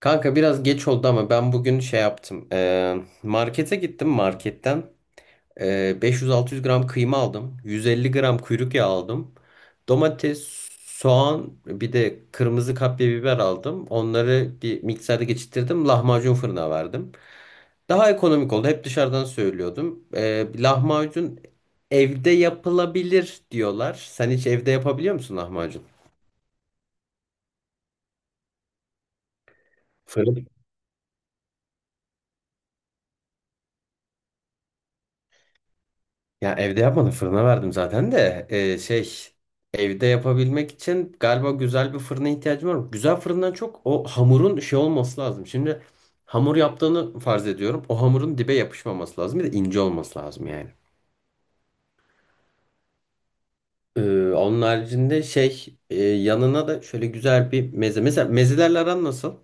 Kanka biraz geç oldu ama ben bugün şey yaptım. Markete gittim marketten. Ee, 500-600 gram kıyma aldım. 150 gram kuyruk yağı aldım. Domates, soğan bir de kırmızı kapya biber aldım. Onları bir mikserde geçirttirdim. Lahmacun fırına verdim. Daha ekonomik oldu. Hep dışarıdan söylüyordum. Lahmacun evde yapılabilir diyorlar. Sen hiç evde yapabiliyor musun lahmacun? Fırın. Ya evde yapmadım fırına verdim zaten de evde yapabilmek için galiba güzel bir fırına ihtiyacım var. Güzel fırından çok o hamurun şey olması lazım. Şimdi hamur yaptığını farz ediyorum. O hamurun dibe yapışmaması lazım. Bir de ince olması lazım yani. Ee, onun haricinde şey yanına da şöyle güzel bir meze. Mesela mezelerle aran nasıl?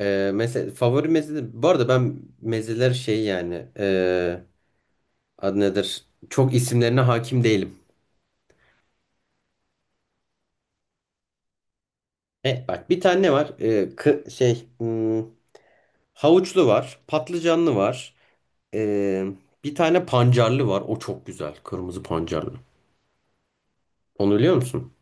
Mesela favori meze. Bu arada ben mezeler şey yani adı nedir? Çok isimlerine hakim değilim. Bak bir tane ne var? Havuçlu var, patlıcanlı var. E, bir tane pancarlı var. O çok güzel. Kırmızı pancarlı. Onu biliyor musun?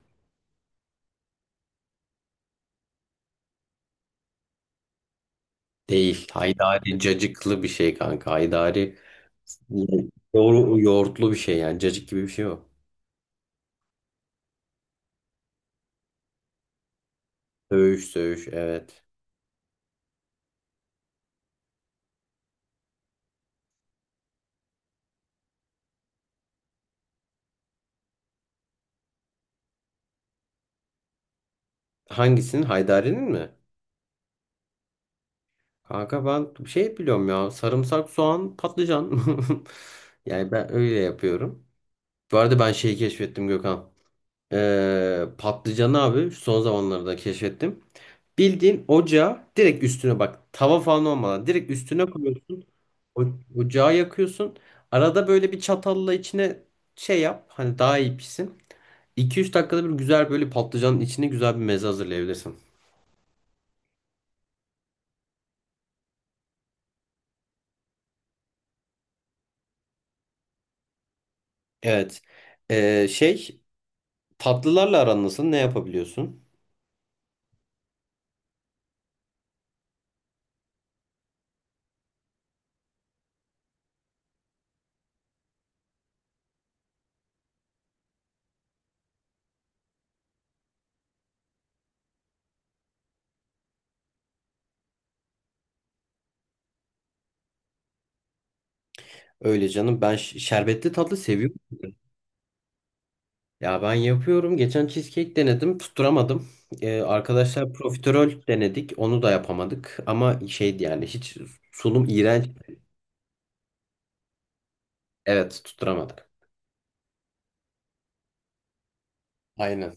Değil. Haydari cacıklı bir şey kanka. Haydari yoğurtlu bir şey yani. Cacık gibi bir şey o. Söğüş, söğüş, evet. Hangisinin? Haydari'nin mi? Kanka ben bir şey biliyorum ya. Sarımsak, soğan, patlıcan. Yani ben öyle yapıyorum. Bu arada ben şeyi keşfettim Gökhan. Patlıcanı abi şu son zamanlarda keşfettim. Bildiğin ocağa direkt üstüne bak tava falan olmadan direkt üstüne koyuyorsun. O, ocağı yakıyorsun. Arada böyle bir çatalla içine şey yap hani daha iyi pişsin. 2 üç dakikada bir güzel böyle patlıcanın içine güzel bir meze hazırlayabilirsin. Evet. Ee, şey tatlılarla aran nasıl? Ne yapabiliyorsun? Öyle canım ben şerbetli tatlı seviyorum. Ya ben yapıyorum. Geçen cheesecake denedim. Tutturamadım. Arkadaşlar profiterol denedik. Onu da yapamadık. Ama şeydi yani hiç sunum iğrenç. Evet, tutturamadık. Aynen.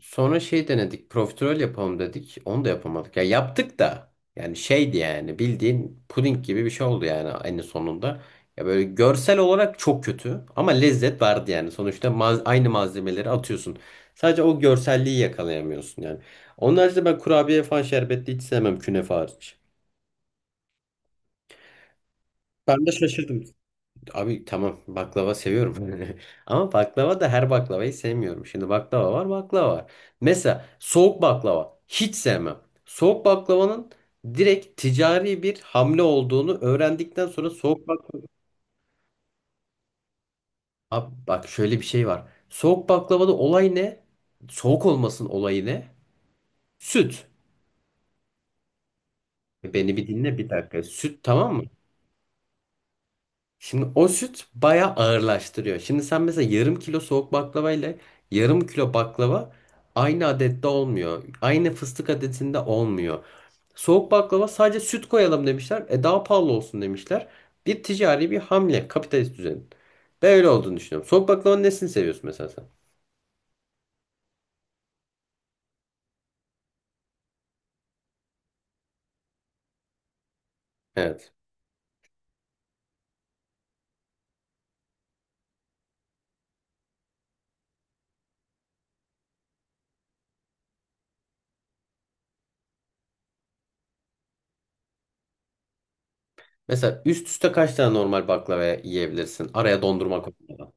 Sonra şey denedik. Profiterol yapalım dedik. Onu da yapamadık. Ya yaptık da. Yani şeydi yani bildiğin puding gibi bir şey oldu yani en sonunda. Ya böyle görsel olarak çok kötü ama lezzet vardı yani. Sonuçta aynı malzemeleri atıyorsun. Sadece o görselliği yakalayamıyorsun yani. Onun haricinde ben kurabiye falan şerbetli hiç sevmem, künefe hariç. Ben de şaşırdım. Abi tamam, baklava seviyorum. Ama baklava da her baklavayı sevmiyorum. Şimdi baklava var, baklava var. Mesela soğuk baklava hiç sevmem. Soğuk baklavanın direkt ticari bir hamle olduğunu öğrendikten sonra soğuk baklava... Abi bak, şöyle bir şey var. Soğuk baklavada olay ne? Soğuk olmasın olayı ne? Süt. Beni bir dinle bir dakika. Süt, tamam mı? Şimdi o süt bayağı ağırlaştırıyor. Şimdi sen mesela yarım kilo soğuk baklava ile yarım kilo baklava aynı adette olmuyor. Aynı fıstık adetinde olmuyor. Soğuk baklava sadece süt koyalım demişler. Daha pahalı olsun demişler. Bir ticari bir hamle kapitalist düzenin. Ben öyle olduğunu düşünüyorum. Soğuk baklavanın nesini seviyorsun mesela sen? Evet. Mesela üst üste kaç tane normal baklava yiyebilirsin? Araya dondurma koymadan.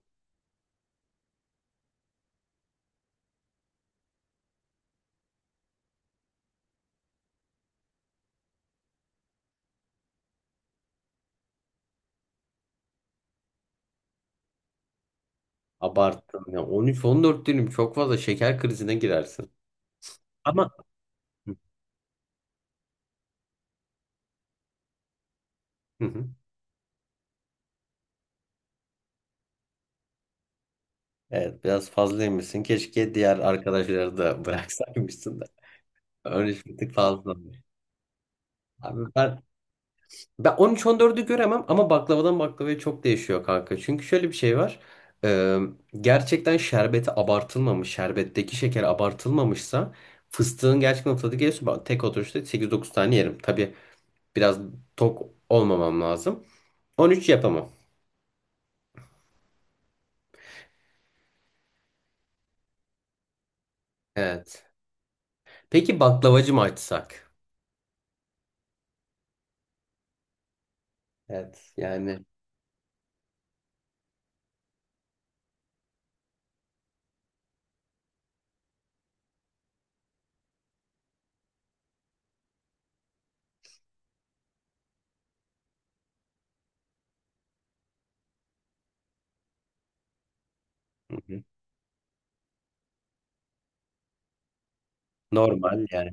Abarttın ya. 13-14 dilim çok fazla, şeker krizine girersin. Ama. Hı hı. Evet, biraz fazlaymışsın. Keşke diğer arkadaşları da bıraksaymışsın da. Örneğin bir tık fazla. Abi ben 13-14'ü göremem ama baklavadan baklavaya çok değişiyor kanka. Çünkü şöyle bir şey var. Ee, gerçekten şerbeti abartılmamış, şerbetteki şeker abartılmamışsa, fıstığın gerçekten tadı geliyorsa ben tek oturuşta 8-9 tane yerim. Tabii biraz tok olmamam lazım. 13 yapamam. Evet. Peki baklavacı mı açsak? Evet yani. Hı hı. Normal yani.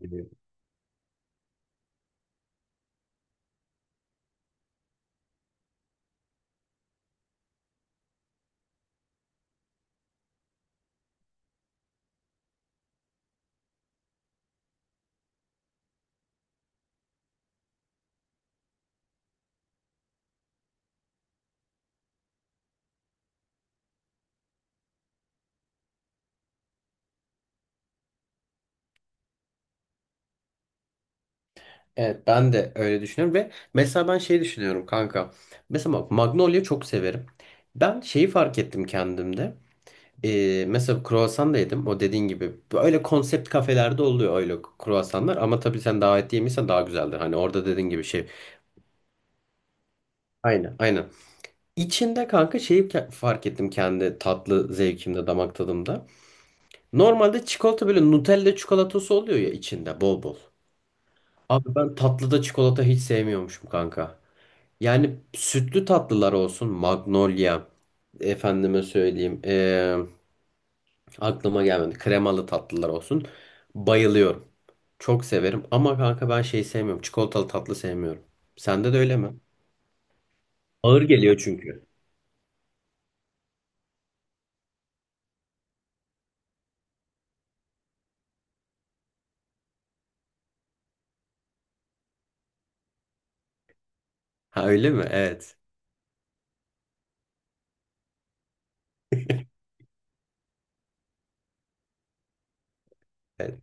Evet, ben de öyle düşünüyorum ve mesela ben şey düşünüyorum kanka. Mesela bak, Magnolia çok severim. Ben şeyi fark ettim kendimde. Mesela kruvasan da yedim. O dediğin gibi öyle konsept kafelerde oluyor öyle kruvasanlar ama tabii sen davet yemişsen daha güzeldir. Hani orada dediğin gibi şey. Aynen, aynen. İçinde kanka şeyi fark ettim kendi tatlı zevkimde, damak tadımda. Normalde çikolata böyle Nutella çikolatası oluyor ya içinde bol bol. Abi ben tatlıda çikolata hiç sevmiyormuşum kanka. Yani sütlü tatlılar olsun. Magnolia. Efendime söyleyeyim. Aklıma gelmedi. Kremalı tatlılar olsun. Bayılıyorum. Çok severim. Ama kanka ben şey sevmiyorum. Çikolatalı tatlı sevmiyorum. Sende de öyle mi? Ağır geliyor çünkü. Ha, öyle mi? Evet. Evet.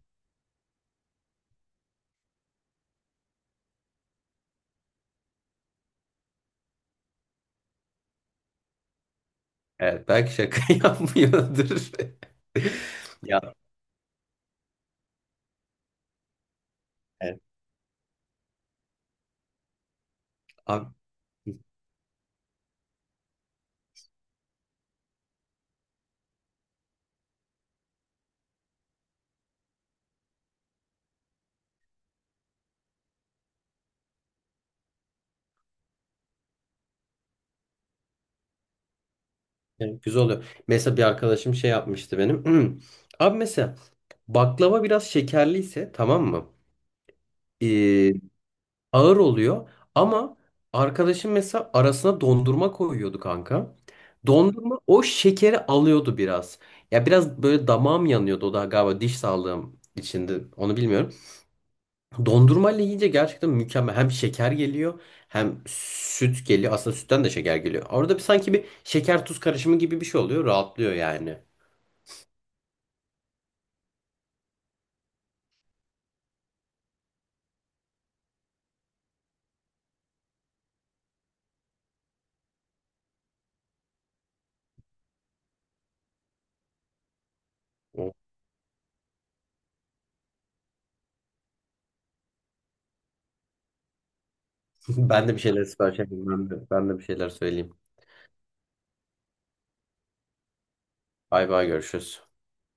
Evet. Belki şaka yapmıyordur. Ya, evet. Abi, evet, güzel oluyor. Mesela bir arkadaşım şey yapmıştı benim. Abi mesela baklava biraz şekerliyse, tamam mı? Ee, ağır oluyor. Ama arkadaşım mesela arasına dondurma koyuyordu kanka. Dondurma o şekeri alıyordu biraz. Ya biraz böyle damağım yanıyordu, o da galiba diş sağlığım içinde, onu bilmiyorum. Dondurmayla yiyince gerçekten mükemmel. Hem şeker geliyor hem süt geliyor. Aslında sütten de şeker geliyor. Orada bir sanki bir şeker tuz karışımı gibi bir şey oluyor. Rahatlıyor yani. O- Ben de bir şeyler sipariş edeyim. Ben de bir şeyler söyleyeyim. Bay bay, görüşürüz.